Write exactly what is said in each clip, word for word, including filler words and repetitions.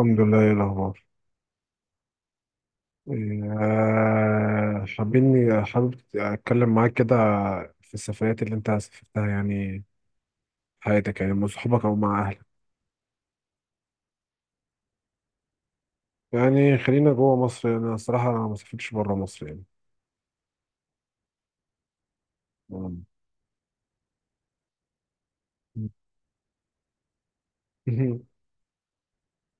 الحمد لله، ايه الاخبار؟ آه، حابين حابب اتكلم معاك كده في السفريات اللي انت سافرتها، يعني في حياتك، يعني مع صحابك او مع اهلك. يعني خلينا جوه مصر، يعني انا الصراحه ما سافرتش بره مصر يعني. مم.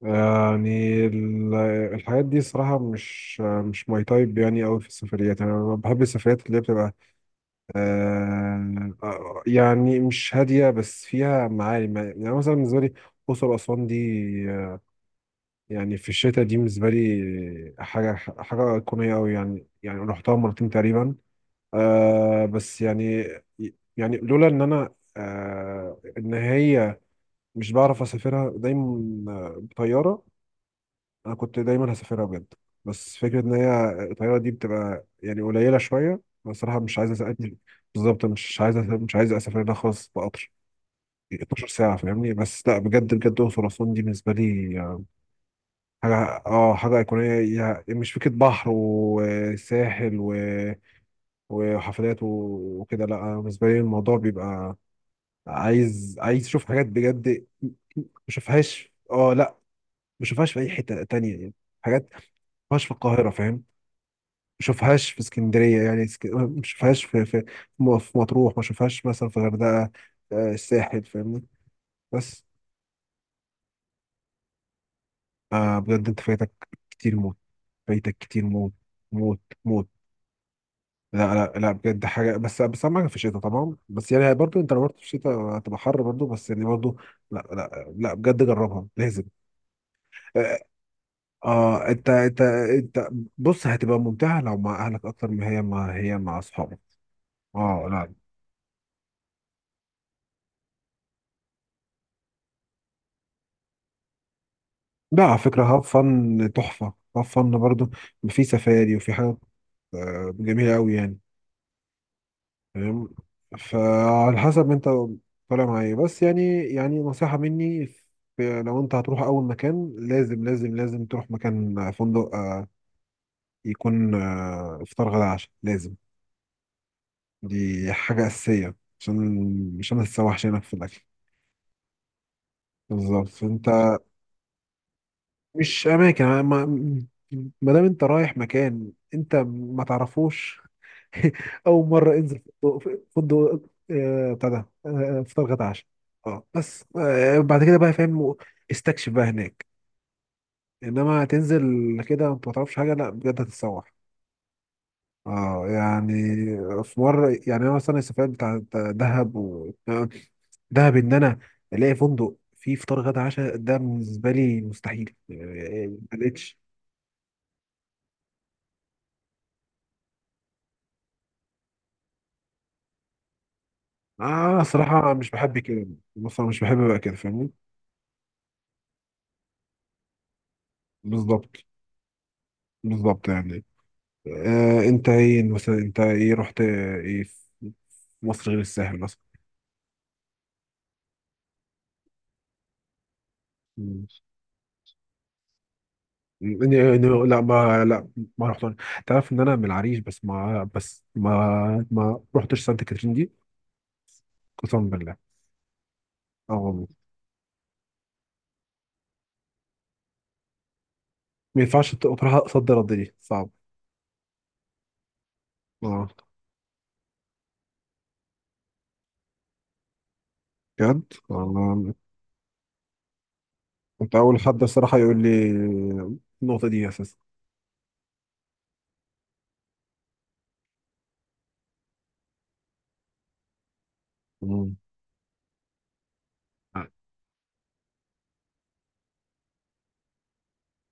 يعني ال- الحاجات دي صراحة مش مش ماي تايب يعني أوي في السفريات. يعني أنا بحب السفريات اللي هي بتبقى آه، آه، يعني مش هادية بس فيها معاني. يعني يعني مثلا بالنسبة لي أقصر وأسوان دي، آه، يعني في الشتاء دي بالنسبة لي حاجة حاجة أيقونية أوي يعني. يعني رحتها مرتين تقريبا. آه بس يعني، يعني لولا إن أنا آه إن هي مش بعرف أسافرها دايما، آه، بطيارة. أنا كنت دايما هسافرها بجد، بس فكرة إن هي الطيارة دي بتبقى يعني قليلة شوية. أنا الصراحة مش عايز أسافر. بالظبط، مش عايز أسافر مش عايز أسافر ده خالص بقطر 12 ساعة فاهمني. بس لا بجد بجد، الأقصر وأسوان دي بالنسبة لي حاجة. اه، حاجة أيقونية، يا- مش فكرة بحر وساحل و... وحفلات و... وكده. لا، أنا بالنسبة لي الموضوع بيبقى عايز عايز أشوف حاجات بجد مشوفهاش. اه لا، مشوفهاش في أي حتة تانية يعني. حاجات مشوفهاش في القاهرة، فاهم؟ مشوفهاش في اسكندرية، يعني اسك... مشوفهاش في في م- في مطروح، مشوفهاش مثلا في الغردقة. آه، الساحل فاهمني. بس آه، بجد أنت فايتك كتير موت. فايتك كتير موت، موت موت. لا لا لا بجد حاجه. بس بس اهم حاجه في الشتاء طبعا، بس يعني برضو انت لو رحت في الشتاء هتبقى حر برضو، بس يعني برضو. لا لا لا بجد جربها لازم. اه، آه، انت انت انت بص هتبقى ممتعه لو مع اهلك اكتر، ما هي ما هي مع اصحابك. اه لا. لا، على فكره هاف فن تحفه، هاف فن برضو. في سفاري وفي حاجات، آه، جميله قوي يعني، فاهم؟ فعلى حسب انت طالع مع ايه. بس يعني، يعني نصيحة مني، في- لو انت هتروح اول مكان، لازم لازم لازم تروح مكان آه، فندق آه، يكون آه، افطار غدا عشاء لازم. دي حاجة أساسية عشان عشان ما تتسوحش هناك في الأكل. بالظبط. انت مش أماكن، ما ما دام انت رايح مكان انت ما تعرفوش. اول مره انزل فندق فندق آه، بتاع ده، آه، فطار غدا عشاء. اه بس آه، بعد كده بقى، فاهم؟ استكشف بقى هناك. انما تنزل كده انت ما تعرفش حاجه، لا بجد هتتسوح. اه يعني في مره يعني انا مثلا السفريات بتاع بتاع دهب و... آه، دهب، ان انا الاقي فندق فيه فطار غدا عشاء ده بالنسبه لي مستحيل. آه، آه، ما لقيتش. اه صراحه مش بحب كده. بصراحه مش بحب بقى كده، فاهمني؟ بالظبط، بالظبط يعني. آه، انت ايه مثلا؟ انت ايه رحت ايه في مصر غير الساحل مثلا؟ مم. إني- إني- لا، ما لا، ما رحت. تعرف ان انا من العريش، بس ما بس ما ما رحتش سانت كاترين دي، قسما بالله. اه والله، ما ينفعش تروح صد رد دي صعب. اه بجد والله. كنت اول حد الصراحه يقول لي النقطه دي اساسا. مم. آه.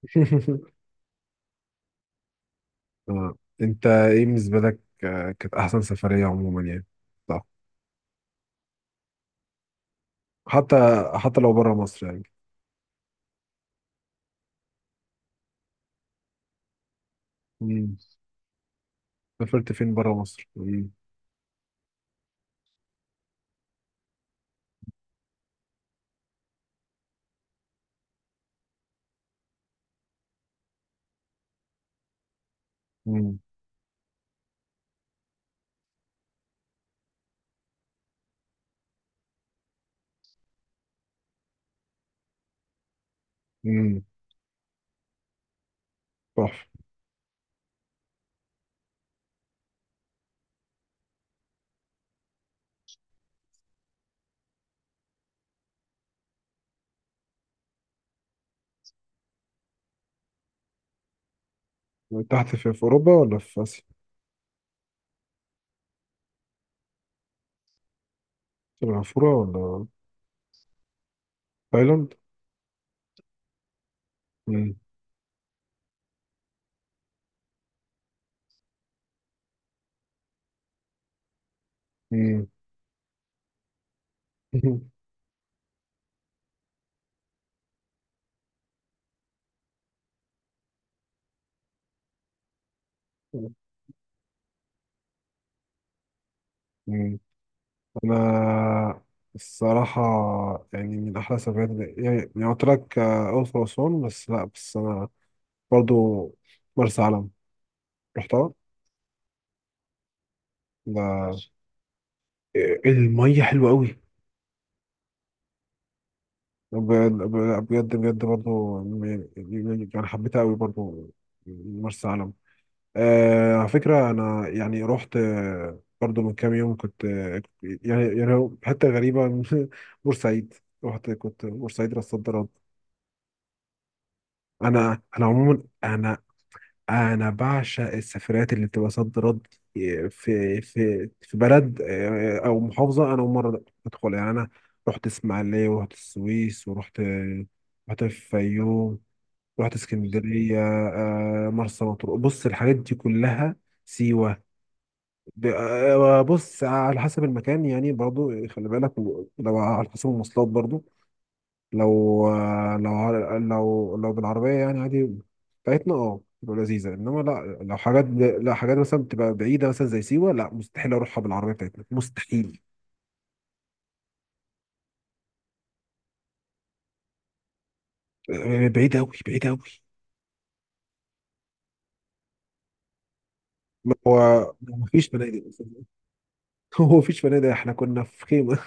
آه. انت ايه بالنسبه لك آه، كانت احسن سفريه عموما يعني، حتى حتى لو بره مصر يعني. مم. سافرت فين بره مصر؟ مم. مم. مم. تحفة. تحت في، في أوروبا ولا في آسيا؟ سنغافورة ولا تايلاند؟ مم. مم. مم. أنا الصراحة يعني من أحلى سفرات، يعني، يعني قلت لك آه، الأقصر وأسوان، بس لأ، بس أنا برضو مرسى علم رحتها. لا، المية حلوة أوي. ب- ب- بجد بجد برضو، يعني، يعني حبيتها قوي برضو مرسى علم. آه على فكرة، أنا يعني رحت آه، برضو من كام يوم، كنت آه، يعني يعني هو حتة غريبة بورسعيد. رحت كنت بورسعيد راس صد رد. أنا أنا عموما أنا أنا بعشق السفرات اللي بتبقى صد رد، آه، في في في بلد، آه، أو محافظة أنا أول مرة أدخل. يعني أنا رحت إسماعيلية، ورحت السويس، ورحت آه، رحت الفيوم، رحت اسكندرية، آه، مرسى مطروح. بص الحاجات دي كلها، سيوة. ب- آه، بص على حسب المكان يعني، برضو خلي بالك لو على حسب المواصلات، برضو لو آه، لو ع- لو لو بالعربية يعني عادي بتاعتنا، اه تبقى لذيذة، انما لا لو حاجات، لا حاجات مثلا بتبقى بعيدة مثلا زي سيوة، لا مستحيل اروحها بالعربية بتاعتنا مستحيل. آه، بعيدة أوي، بعيدة أوي. هو هو مفيش فنادق أصلاً. هو مفيش فنادق، احنا كنا في خيمة.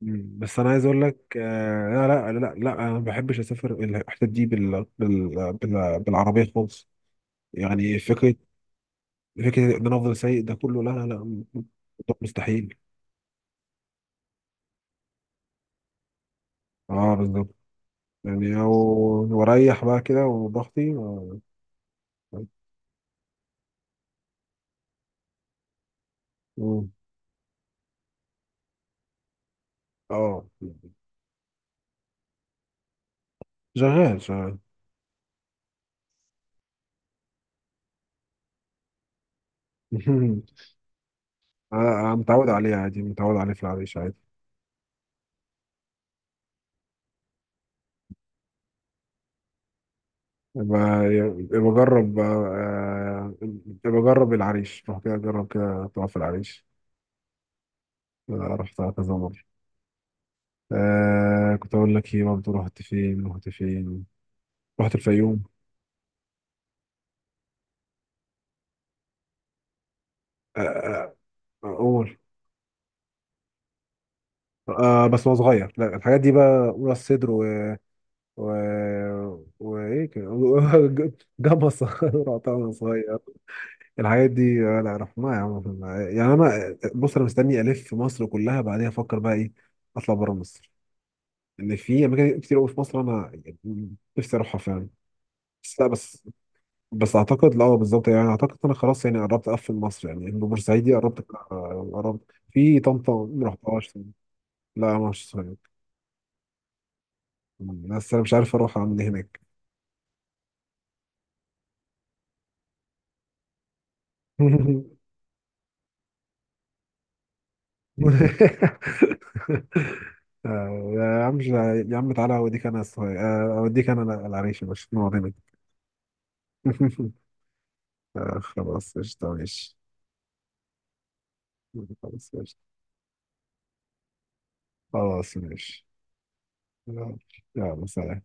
مم. بس انا عايز اقول لك، آه لا لا لا لا، انا ما بحبش اسافر الحتت دي بال... بال... بال... بالعربيه خالص. يعني فكره، فكره ان انا افضل سايق ده كله، لا لا لا، ده مستحيل. اه بالظبط يعني، او، واريح بقى كده وضغطي و- مم. اه. شغال شغال. انا أنا متعود عليه عادي، متعود عليه في العريش عادي. ب- بجرب آه، بجرب العريش، روح كده جرب كده تقف في العريش. أنا رحتها كذا مرة. آه، كنت أقول لك إيه برضه، رحت فين؟ رحت فين رحت الفيوم، آه آه، آه، أول آه، بس وأنا صغير، لا الحاجات دي بقى، أولى الصدر، و و وإيه كده، جمصة رحتها وأنا صغير، الحاجات دي آه لا رحناها يا عم، رحناها. يعني أنا بص، أنا مستني ألف في مصر كلها بعدين أفكر بقى إيه، أطلع بره مصر. إن في أماكن كتير أوي في مصر، أنا يعني نفسي أروحها فعلا. بس لا بس بس اعتقد، لا بالظبط يعني اعتقد انا خلاص يعني قربت اقفل مصر يعني، انه بورسعيدي قربت، قربت في طنطا ما رحتهاش. لا ما رحتش صغير، بس انا مش عارف اروح اعمل ايه هناك. آه، يا عم مش- يا عم تعالى اوديك انا الصغير، آه، اوديك انا العريش، مش نقعد هناك. آه، خلاص قشطة ماشي. خلاص قشطة. خلاص ماشي. يلا. يلا، سلام.